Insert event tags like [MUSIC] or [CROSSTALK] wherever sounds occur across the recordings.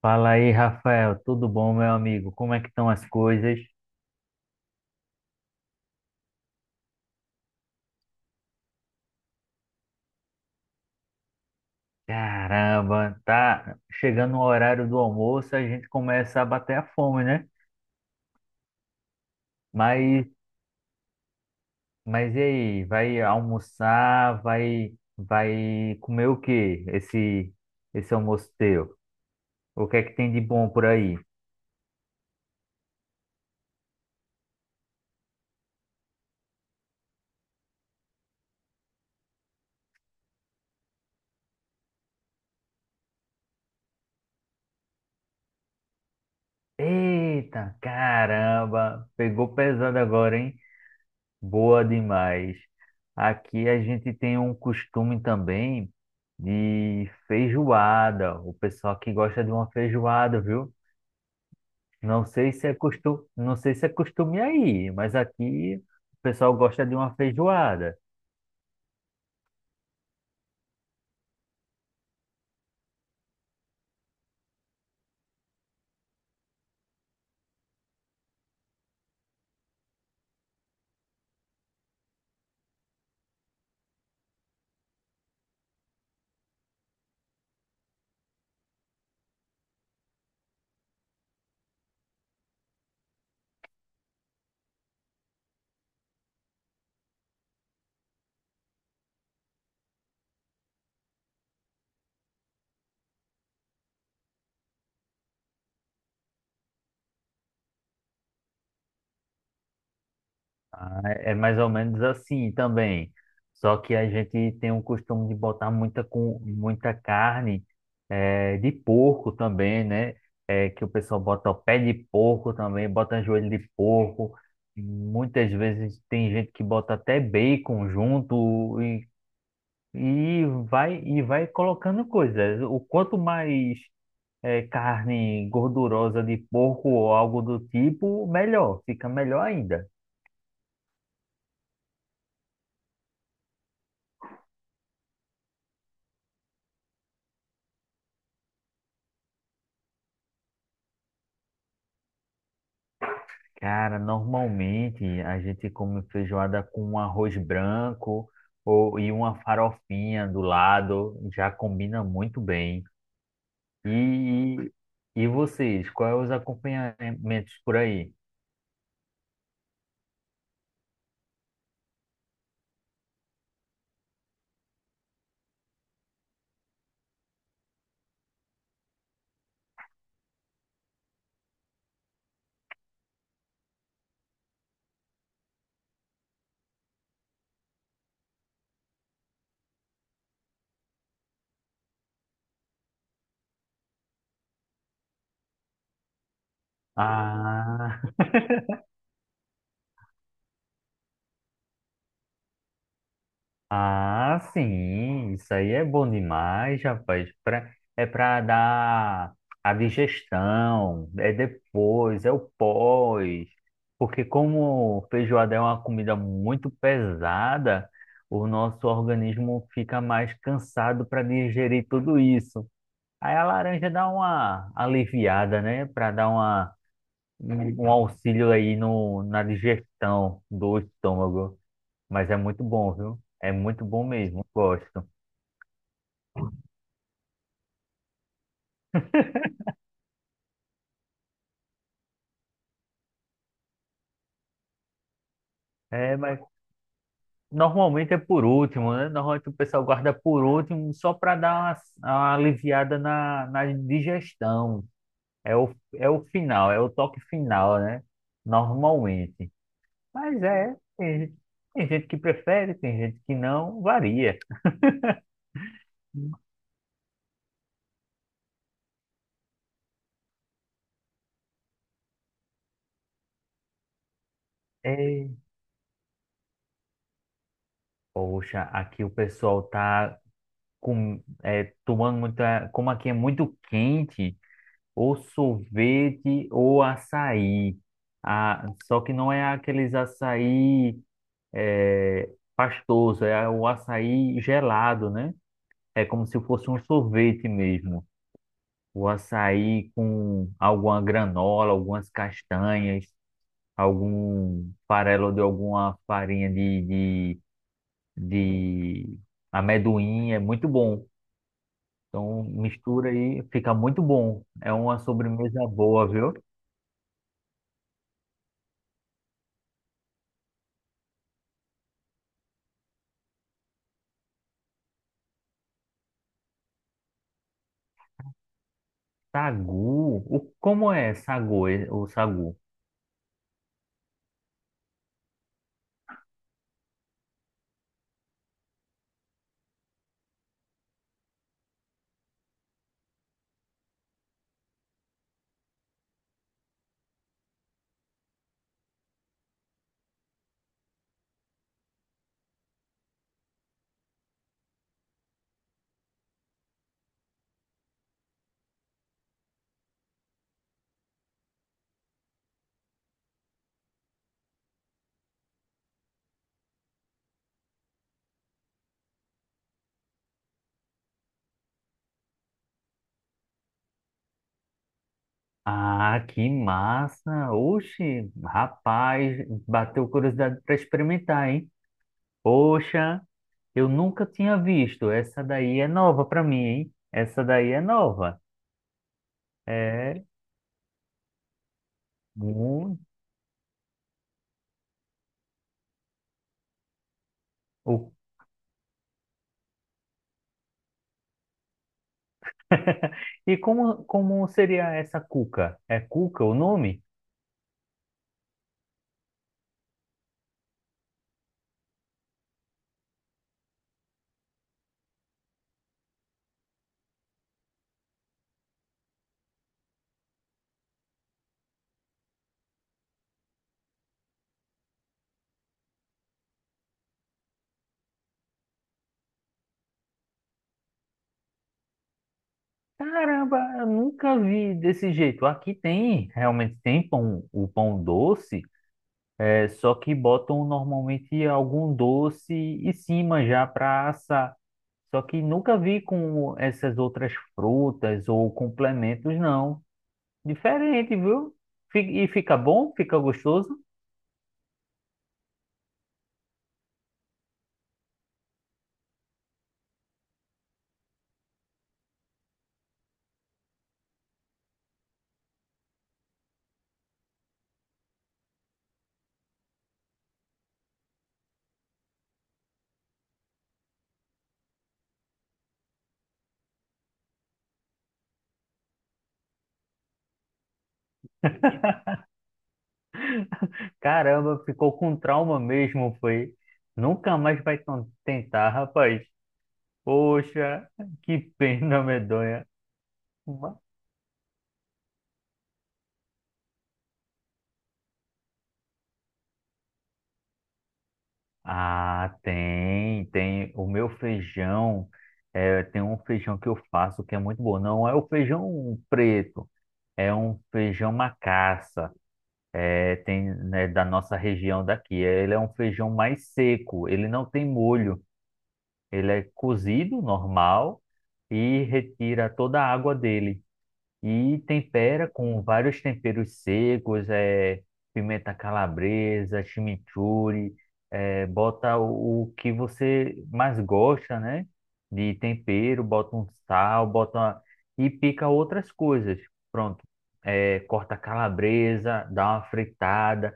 Fala aí, Rafael, tudo bom, meu amigo? Como é que estão as coisas? Caramba, tá chegando o horário do almoço, a gente começa a bater a fome, né? Mas, mas e aí, vai almoçar, vai comer o quê? Esse almoço teu? O que é que tem de bom por aí? Eita, caramba, pegou pesado agora, hein? Boa demais. Aqui a gente tem um costume também de feijoada. O pessoal que gosta de uma feijoada, viu? Não sei se é costume, não sei se é costume aí, mas aqui o pessoal gosta de uma feijoada. Ah, é é mais ou menos assim também. Só que a gente tem o costume de botar muita carne de porco também, né? Que o pessoal bota o pé de porco também, bota joelho de porco. Muitas vezes tem gente que bota até bacon junto e vai colocando coisas. O quanto mais carne gordurosa de porco ou algo do tipo, melhor, fica melhor ainda. Cara, normalmente a gente come feijoada com um arroz branco e uma farofinha do lado, já combina muito bem. E, e vocês, quais os acompanhamentos por aí? Ah, ah, sim, isso aí é bom demais, rapaz. É para dar a digestão, é depois, é o pós. Porque como feijoada é uma comida muito pesada, o nosso organismo fica mais cansado para digerir tudo isso. Aí a laranja dá uma aliviada, né? Para dar um auxílio aí no, na digestão do estômago. Mas é muito bom, viu? É muito bom mesmo, eu gosto. É, mas normalmente é por último, né? Normalmente o pessoal guarda por último só para dar uma aliviada na digestão. É o final, é o toque final, né? Normalmente. Mas é, tem, gente- Tem gente que prefere, tem gente que não, varia. É, poxa, aqui o pessoal tá tomando muita. Como aqui é muito quente, ou sorvete ou açaí. Ah, só que não é aqueles açaí é, pastoso, é o açaí gelado, né? É como se fosse um sorvete mesmo. O açaí com alguma granola, algumas castanhas, algum farelo de alguma farinha de amendoim, é muito bom. Então mistura aí, fica muito bom. É uma sobremesa boa, viu? Sagu? Como é sagu, o sagu? Ah, que massa! Oxe, rapaz, bateu curiosidade para experimentar, hein? Poxa, eu nunca tinha visto. Essa daí é nova para mim, hein? Essa daí é nova. É muito. E como seria essa cuca? É cuca o nome? Caramba, eu nunca vi desse jeito. Aqui tem, realmente tem pão, o pão doce. É só que botam normalmente algum doce em cima já para assar. Só que nunca vi com essas outras frutas ou complementos, não. Diferente, viu? E fica bom? Fica gostoso? Caramba, ficou com trauma mesmo, foi. Nunca mais vai tentar, rapaz. Poxa, que pena medonha. Ah, tem, tem. O meu feijão, é, tem um feijão que eu faço que é muito bom. Não é o feijão preto, é um feijão macaça. É, tem, né, da nossa região daqui. Ele é um feijão mais seco, ele não tem molho. Ele é cozido normal e retira toda a água dele e tempera com vários temperos secos, é, pimenta calabresa, chimichurri, é, bota o que você mais gosta, né? De tempero, bota um sal, bota e pica outras coisas. Pronto. É, corta calabresa, dá uma fritada,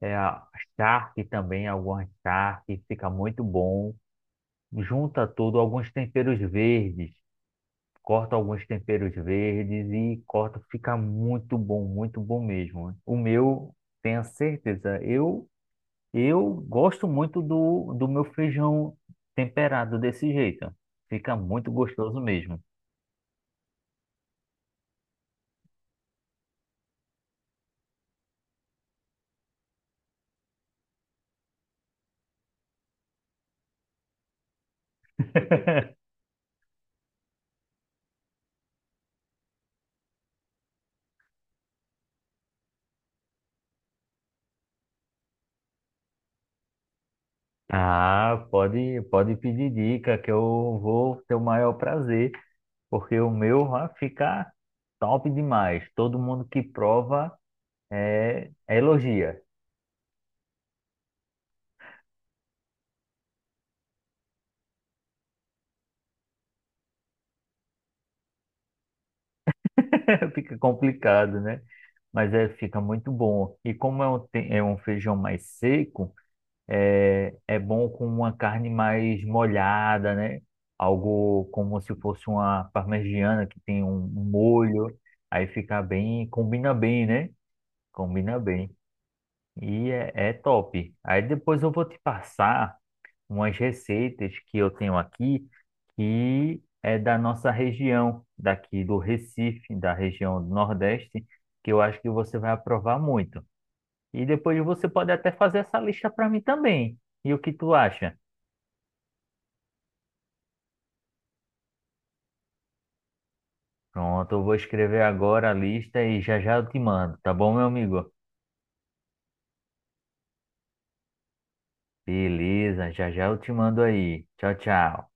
é, a charque também, alguma charque, fica muito bom. Junta tudo, alguns temperos verdes, corto alguns temperos verdes e corto, fica muito bom mesmo, né? O meu, tenha certeza, eu gosto muito do meu feijão temperado desse jeito. Fica muito gostoso mesmo. [LAUGHS] Ah, pode pedir dica que eu vou ter o maior prazer, porque o meu vai ficar top demais. Todo mundo que prova é elogia. [LAUGHS] Fica complicado, né? Mas é, fica muito bom. E como é é um feijão mais seco, é, é bom com uma carne mais molhada, né? Algo como se fosse uma parmegiana que tem um molho. Aí fica bem, combina bem, né? Combina bem. E é, é top. Aí depois eu vou te passar umas receitas que eu tenho aqui que é da nossa região, daqui do Recife, da região do Nordeste, que eu acho que você vai aprovar muito. E depois você pode até fazer essa lista para mim também. E o que tu acha? Pronto, eu vou escrever agora a lista e já já eu te mando, tá bom, meu amigo? Beleza, já já eu te mando aí. Tchau, tchau.